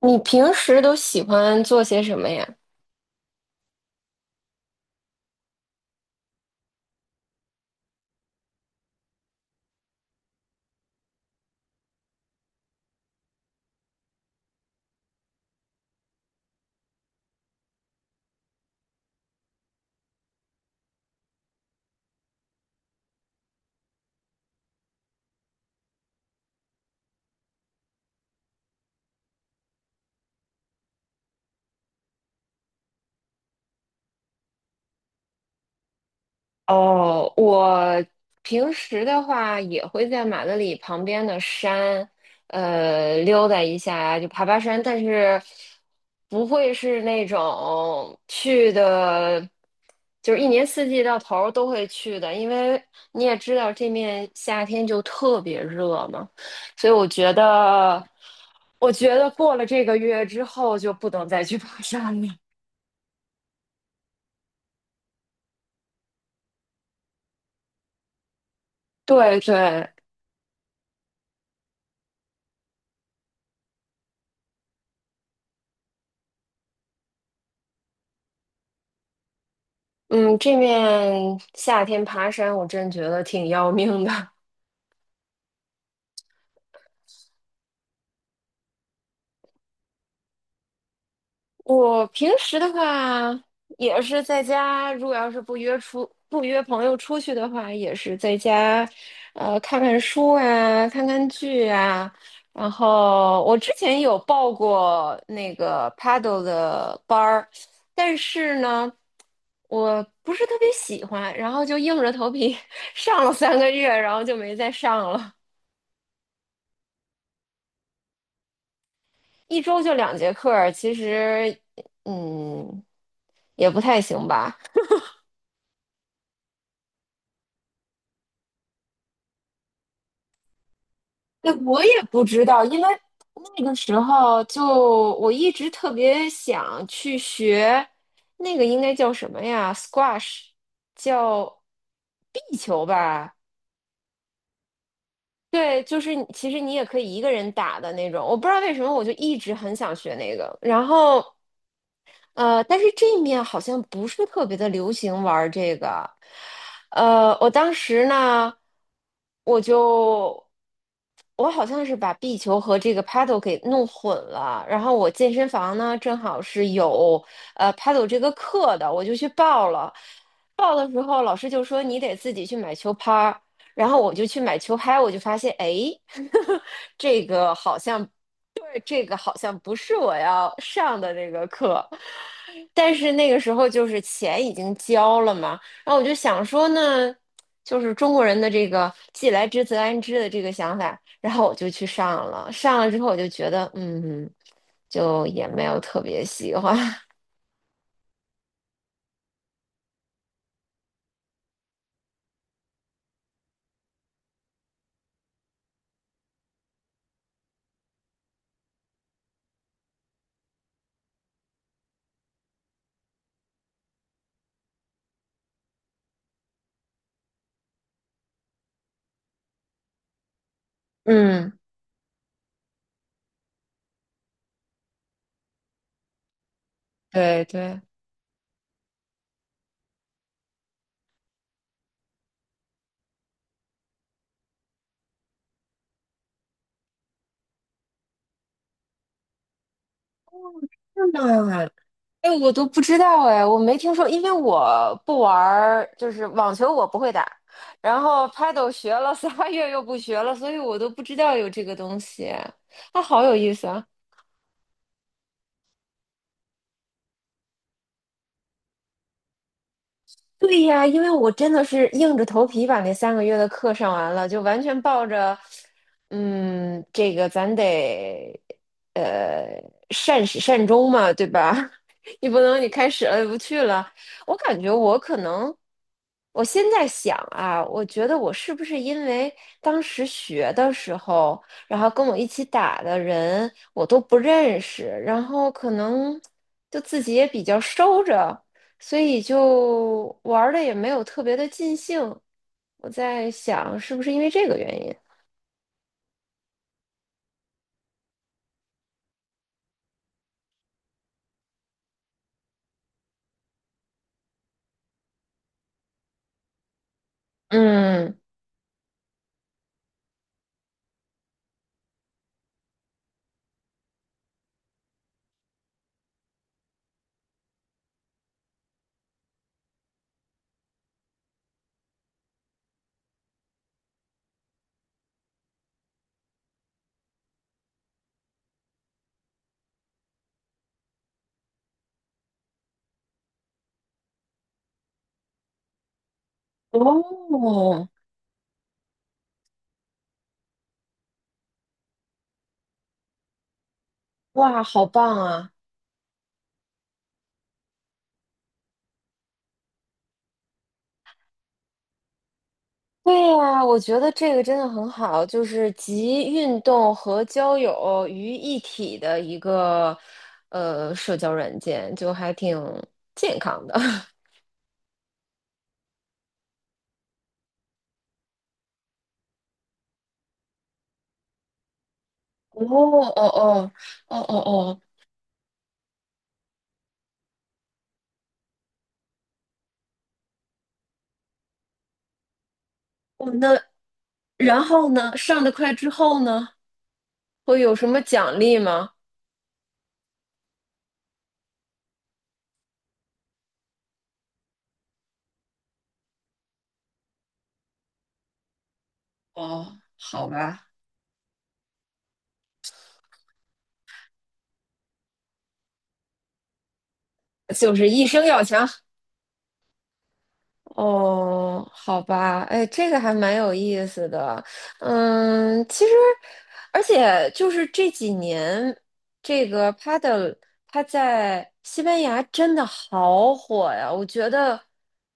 你平时都喜欢做些什么呀？哦，我平时的话也会在马德里旁边的山，溜达一下呀，就爬爬山，但是不会是那种去的，就是一年四季到头儿都会去的，因为你也知道这面夏天就特别热嘛，所以我觉得，我觉得过了这个月之后就不能再去爬山了。对对，嗯，这面夏天爬山，我真觉得挺要命的。我平时的话，也是在家，如果要是不约出不约朋友出去的话，也是在家，看看书啊，看看剧啊。然后我之前有报过那个 paddle 的班儿，但是呢，我不是特别喜欢，然后就硬着头皮 上了3个月，然后就没再上了。一周就两节课儿其实嗯也不太行吧。那我也不知道，因为那个时候就我一直特别想去学那个应该叫什么呀？squash,叫壁球吧？对，就是你其实你也可以一个人打的那种。我不知道为什么，我就一直很想学那个。但是这面好像不是特别的流行玩儿这个。呃，我当时呢，我就我好像是把壁球和这个 paddle 给弄混了。然后我健身房呢，正好是有paddle 这个课的，我就去报了。报的时候，老师就说你得自己去买球拍儿。然后我就去买球拍，我就发现，哎，这个好像这个好像不是我要上的那个课，但是那个时候就是钱已经交了嘛，然后我就想说呢，就是中国人的这个既来之则安之的这个想法，然后我就去上了，上了之后我就觉得，嗯，就也没有特别喜欢，嗯，对对。那。哎，我都不知道哎，我没听说，因为我不玩儿，就是网球我不会打，然后 Paddle 学了仨 月又不学了，所以我都不知道有这个东西，它好有意思啊！对呀，因为我真的是硬着头皮把那三个月的课上完了，就完全抱着，嗯，这个咱得，呃，善始善终嘛，对吧？你不能你开始了不去了。我感觉我可能，我现在想啊，我觉得我是不是因为当时学的时候，然后跟我一起打的人我都不认识，然后可能就自己也比较收着。所以就玩的也没有特别的尽兴。我在想，是不是因为这个原因？嗯，哦，哇，好棒啊！对呀，我觉得这个真的很好，就是集运动和交友于一体的一个社交软件，就还挺健康的。哦哦哦哦哦哦，哦，那然后呢？上的快之后呢？会有什么奖励吗？哦，好吧。就是一生要强。哦，好吧，哎，这个还蛮有意思的。嗯，其实，而且就是这几年，这个 paddle 它在西班牙真的好火呀，我觉得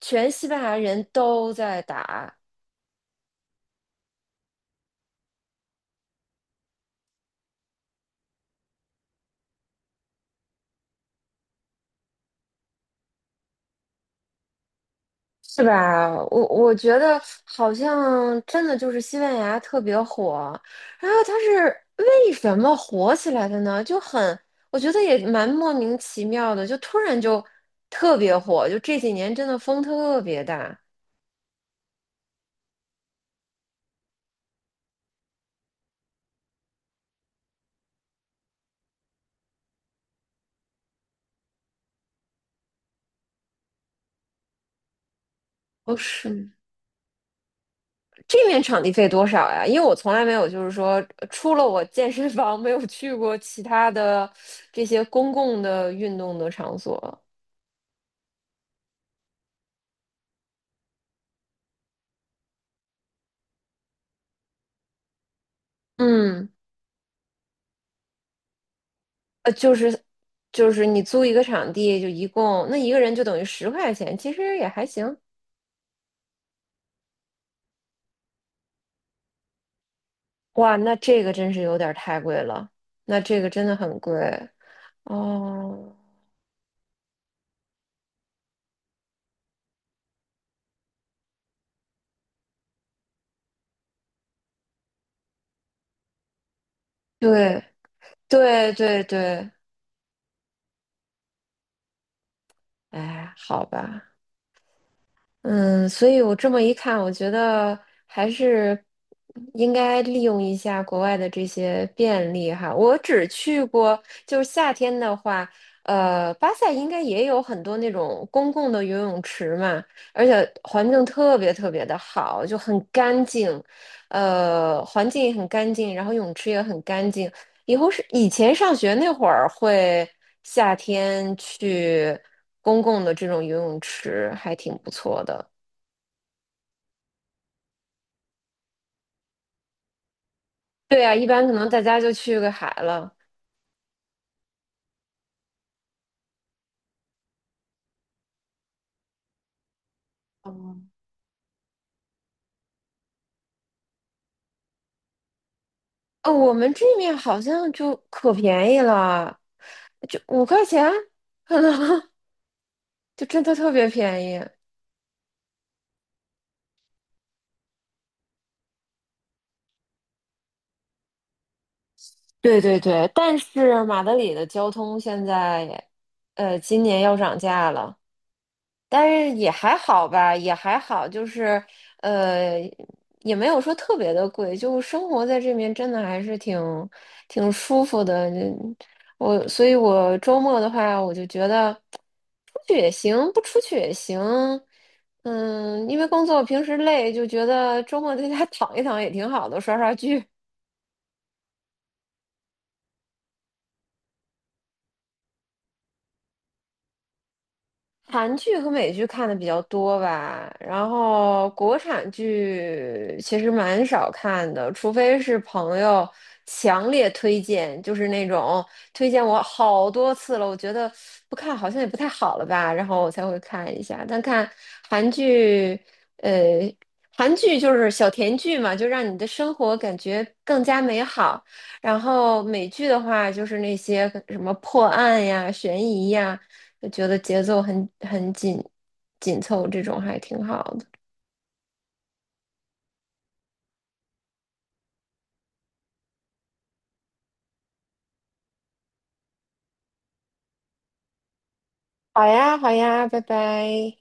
全西班牙人都在打。是吧？我觉得好像真的就是西班牙特别火，然后它是为什么火起来的呢？就很，我觉得也蛮莫名其妙的，就突然就特别火，就这几年真的风特别大。哦，是，这面场地费多少呀？因为我从来没有，就是说，除了我健身房，没有去过其他的这些公共的运动的场所。嗯。呃，就是就是你租一个场地，就一共那一个人就等于10块钱，其实也还行。哇，那这个真是有点儿太贵了，那这个真的很贵哦。对对对对，哎，好吧。嗯，所以我这么一看，我觉得还是应该利用一下国外的这些便利哈。我只去过，就是夏天的话，巴塞应该也有很多那种公共的游泳池嘛，而且环境特别特别的好，就很干净，环境也很干净，然后泳池也很干净。以后是以前上学那会儿会夏天去公共的这种游泳池，还挺不错的。对啊，一般可能大家就去个海了。哦，哦，我们这面好像就可便宜了，就5块钱，可能 就真的特别便宜。对对对，但是马德里的交通现在，今年要涨价了。但是也还好吧，也还好，呃，也没有说特别的贵，就生活在这边真的还是挺舒服的。嗯我，所以我周末的话，我就觉得出去也行，不出去也行。嗯，因为工作平时累，就觉得周末在家躺一躺也挺好的，刷刷剧。韩剧和美剧看的比较多吧，然后国产剧其实蛮少看的，除非是朋友强烈推荐，就是那种推荐我好多次了，我觉得不看好像也不太好了吧，然后我才会看一下。但看韩剧，呃，韩剧就是小甜剧嘛，就让你的生活感觉更加美好。然后美剧的话，就是那些什么破案呀、悬疑呀。就觉得节奏很紧紧凑，这种还挺好的。好呀，好呀，拜拜。